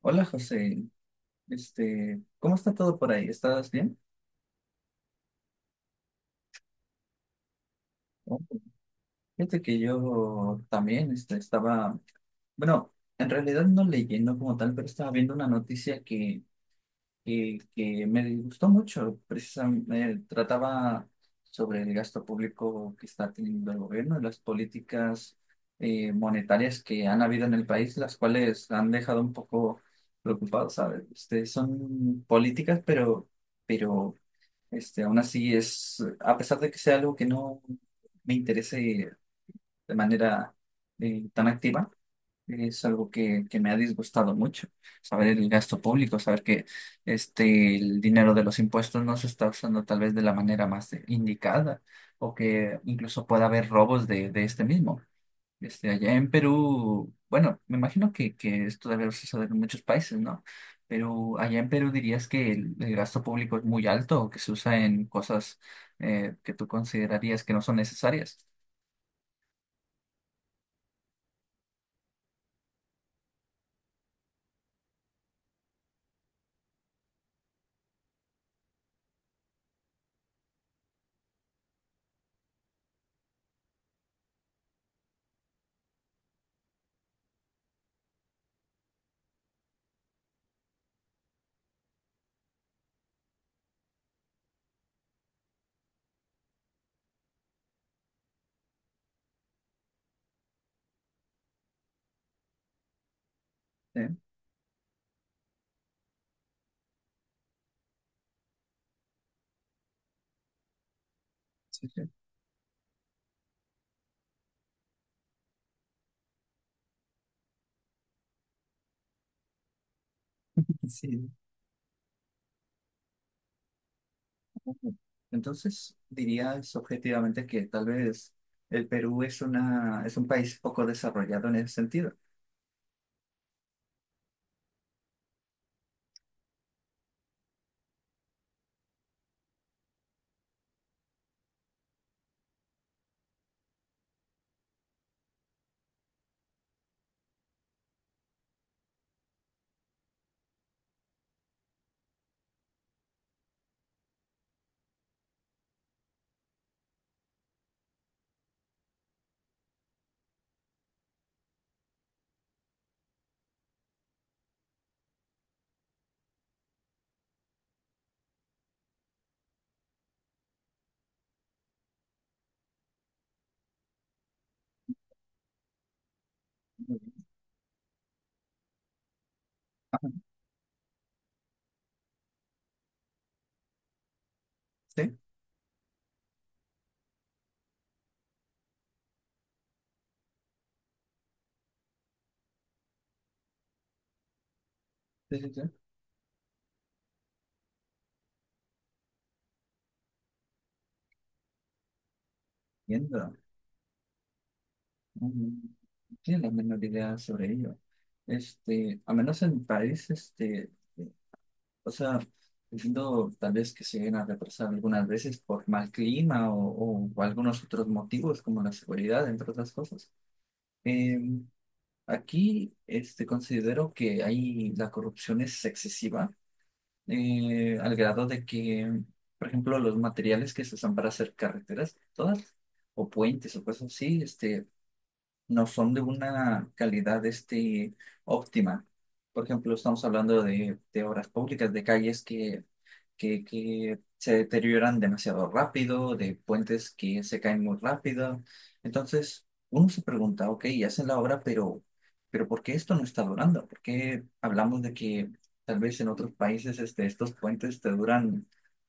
Hola José, ¿cómo está todo por ahí? ¿Estás bien? Oh, fíjate que yo también bueno, en realidad no leyendo como tal, pero estaba viendo una noticia que me gustó mucho. Precisamente trataba sobre el gasto público que está teniendo el gobierno y las políticas monetarias que han habido en el país, las cuales han dejado un poco preocupados, ¿sabes? Son políticas, pero aún así es, a pesar de que sea algo que no me interese de manera tan activa, es algo que me ha disgustado mucho, saber el gasto público, saber que el dinero de los impuestos no se está usando tal vez de la manera más indicada o que incluso pueda haber robos de este mismo. Allá en Perú, bueno, me imagino que esto debe suceder en muchos países, ¿no? Pero allá en Perú dirías que el gasto público es muy alto o que se usa en cosas que tú considerarías que no son necesarias. Sí, sí, sí. Sí. Entonces, dirías objetivamente que tal vez el Perú es un país poco desarrollado en ese sentido. Ajá. Sí, sí, sí, sí. Entiendo. Mm, No tiene la menor idea sobre ello. A menos en mi país, eh, o sea, entiendo tal vez que se lleguen a retrasar algunas veces por mal clima o algunos otros motivos como la seguridad, entre otras cosas. Em, Aquí, considero que ahí la corrupción es excesiva, al grado de que, por ejemplo, los materiales que se usan para hacer carreteras, todas, o puentes o cosas así, no son de una calidad, óptima. Por ejemplo, estamos hablando de obras públicas, de calles que se deterioran demasiado rápido, de puentes que se caen muy rápido. Entonces, uno se pregunta, ok, hacen la obra, pero ¿por qué esto no está durando? ¿Por qué hablamos de que tal vez en otros países estos puentes te duran?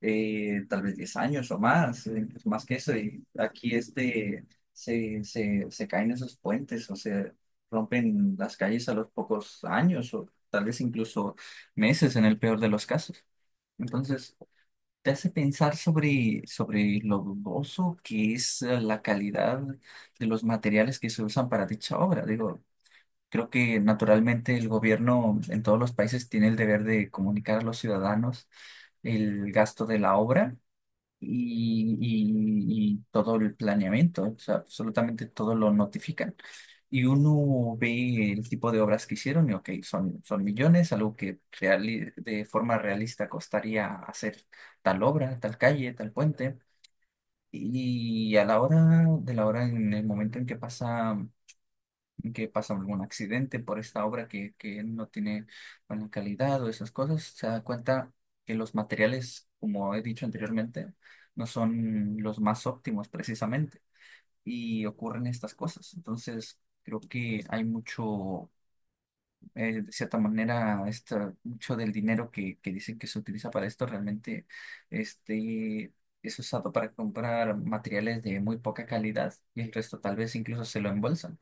Tal vez 10 años o más, incluso más que eso, y aquí se caen esos puentes o se rompen las calles a los pocos años o tal vez incluso meses en el peor de los casos. Entonces, te hace pensar sobre lo dudoso que es la calidad de los materiales que se usan para dicha obra. Digo, creo que naturalmente el gobierno en todos los países tiene el deber de comunicar a los ciudadanos el gasto de la obra y, y todo el planeamiento, o sea, absolutamente todo lo notifican. Y uno ve el tipo de obras que hicieron y, ok, son millones, algo que de forma realista costaría hacer tal obra, tal calle, tal puente. Y a la hora de la hora, en el momento en que pasa algún accidente por esta obra que no tiene buena calidad o esas cosas, se da cuenta que los materiales, como he dicho anteriormente, no son los más óptimos precisamente y ocurren estas cosas. Entonces, creo que hay mucho, de cierta manera, mucho del dinero que dicen que se utiliza para esto realmente este, es usado para comprar materiales de muy poca calidad y el resto tal vez incluso se lo embolsan.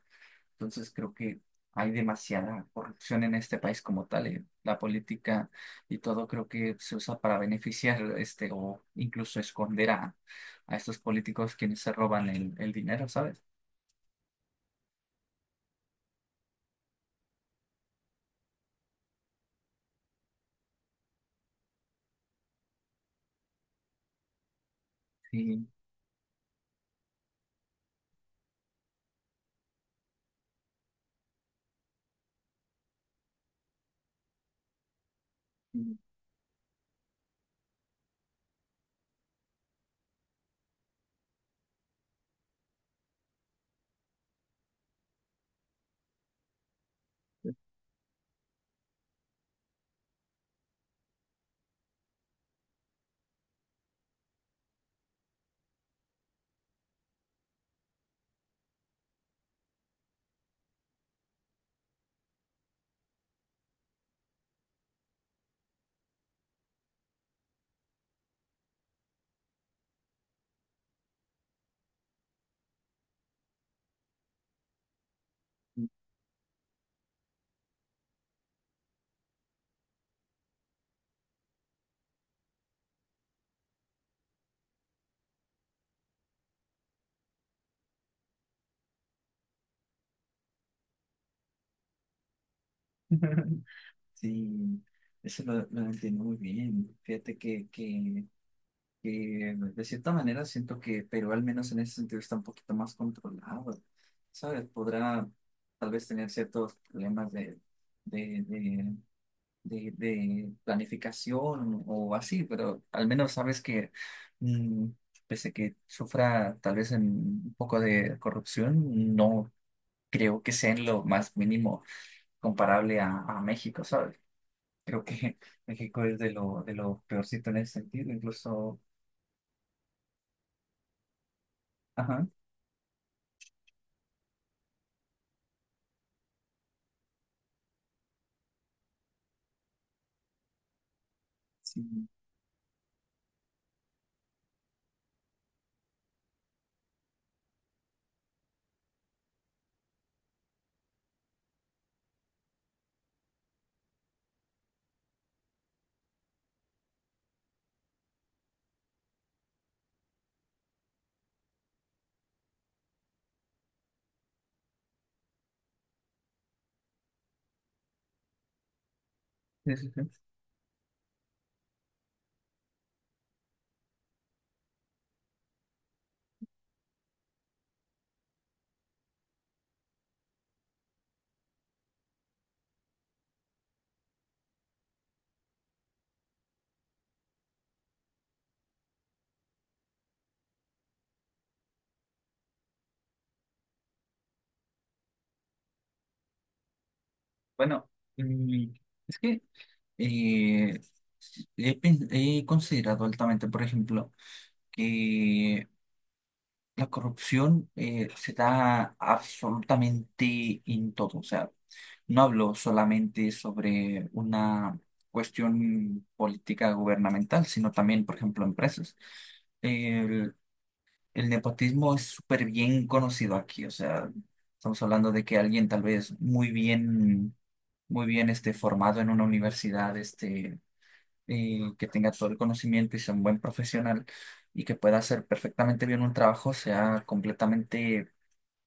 Entonces creo que hay demasiada corrupción en este país como tal. La política y todo creo que se usa para beneficiar o incluso esconder a estos políticos quienes se roban el dinero, ¿sabes? Sí, sí, sí. Sí, eso lo entiendo muy bien. Fíjate que de cierta manera siento que Perú al menos en ese sentido está un poquito más controlado, ¿sabes? Podrá tal vez tener ciertos problemas de, de de planificación o así, pero al menos sabes que, mm, pese a que sufra tal vez en un poco de corrupción, no creo que sea en lo más mínimo comparable a México, ¿sabes? Creo que México es de lo peorcito en ese sentido, incluso, ajá, sí, sí, sí, sí. Bueno, mm, es que eh, he considerado altamente, por ejemplo, que la corrupción se da absolutamente en todo. O sea, no hablo solamente sobre una cuestión política gubernamental, sino también, por ejemplo, empresas. El, el nepotismo es súper bien conocido aquí. O sea, estamos hablando de que alguien tal vez muy bien formado en una universidad, y que tenga todo el conocimiento y sea un buen profesional y que pueda hacer perfectamente bien un trabajo, sea completamente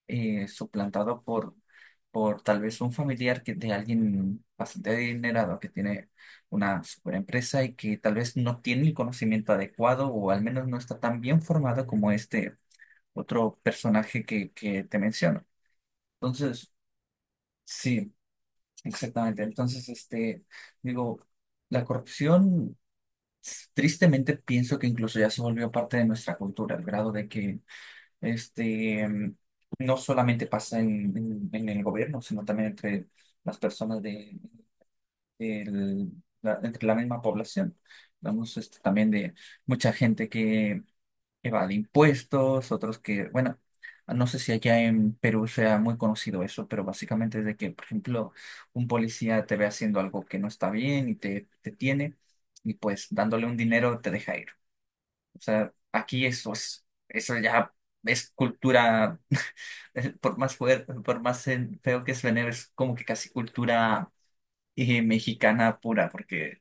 suplantado por tal vez un familiar que de alguien bastante adinerado que tiene una super empresa y que tal vez no tiene el conocimiento adecuado o al menos no está tan bien formado como este otro personaje que te menciono. Entonces, sí, exactamente. Entonces, digo, la corrupción. Tristemente pienso que incluso ya se volvió parte de nuestra cultura, al grado de que este, mm, no solamente pasa en el gobierno, sino también entre las personas del- entre la misma población. Vamos también de mucha gente que evade impuestos, otros que, bueno, no sé si allá en Perú sea muy conocido eso, pero básicamente es de que, por ejemplo, un policía te ve haciendo algo que no está bien y te tiene, y pues dándole un dinero te deja ir. O sea, aquí eso ya es cultura, por más fuerte, por más feo que suene, es como que casi cultura mexicana pura, porque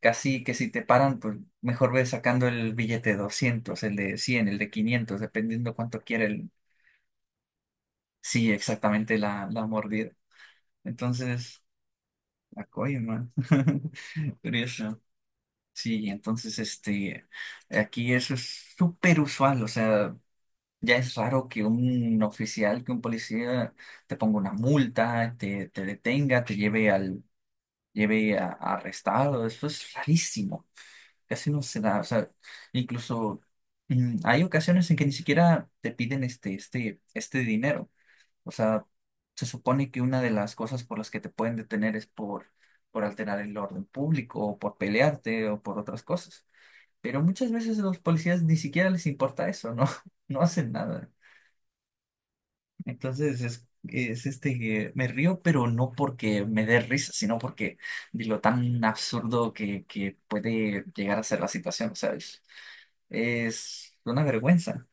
casi que si te paran, pues mejor ves sacando el billete de 200 el de 100 el de 500 dependiendo cuánto quiere el, sí, exactamente la, la mordida. Entonces, la coima, curioso. Sí, entonces, aquí eso es súper usual, o sea. Ya es raro que un oficial, que un policía te ponga una multa, te detenga, te lleve a arrestado. Eso es rarísimo. Casi no se da. O sea, incluso hay ocasiones en que ni siquiera te piden este dinero. O sea, se supone que una de las cosas por las que te pueden detener es por alterar el orden público, o por pelearte, o por otras cosas. Pero muchas veces a los policías ni siquiera les importa eso, ¿no? No hacen nada. Entonces es, es que me río, pero no porque me dé risa, sino porque de lo tan absurdo que puede llegar a ser la situación. O sea, es una vergüenza.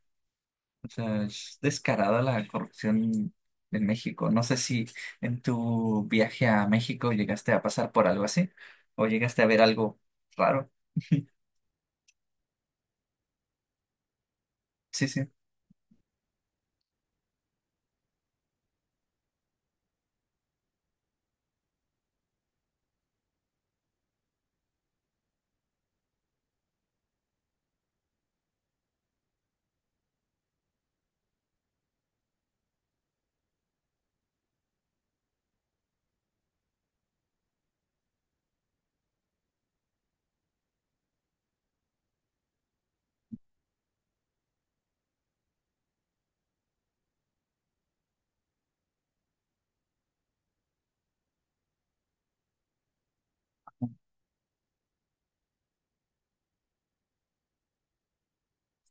O sea, es descarada la corrupción en México. No sé si en tu viaje a México llegaste a pasar por algo así o llegaste a ver algo raro. Sí, sí,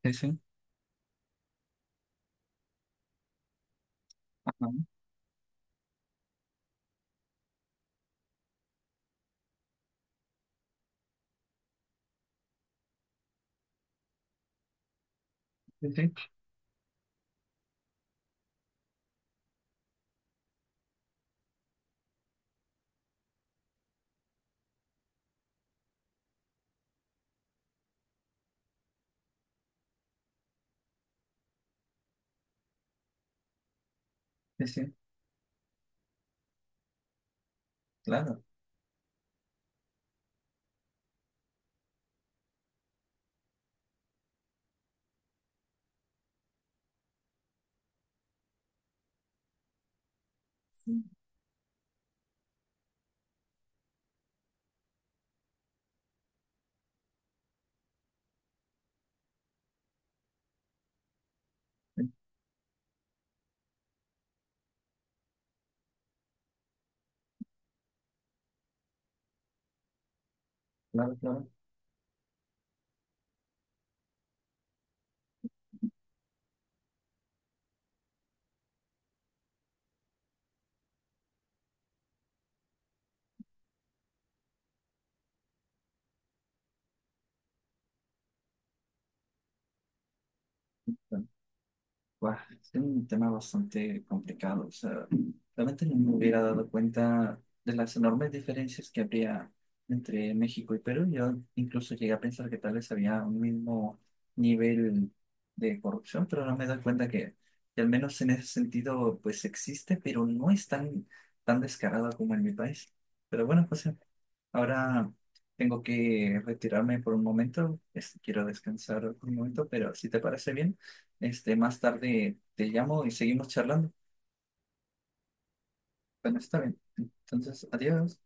sí, sí, ajá, sí, sí, sí, sí, claro, claro, claro. Buah, es un tema bastante complicado. O sea, realmente no me hubiera dado cuenta de las enormes diferencias que habría entre México y Perú. Yo incluso llegué a pensar que tal vez había un mismo nivel de corrupción, pero no me doy cuenta que al menos en ese sentido, pues existe, pero no es tan, tan descarado como en mi país. Pero bueno, pues ahora tengo que retirarme por un momento. Quiero descansar por un momento, pero si te parece bien, más tarde te llamo y seguimos charlando. Bueno, está bien. Entonces, adiós.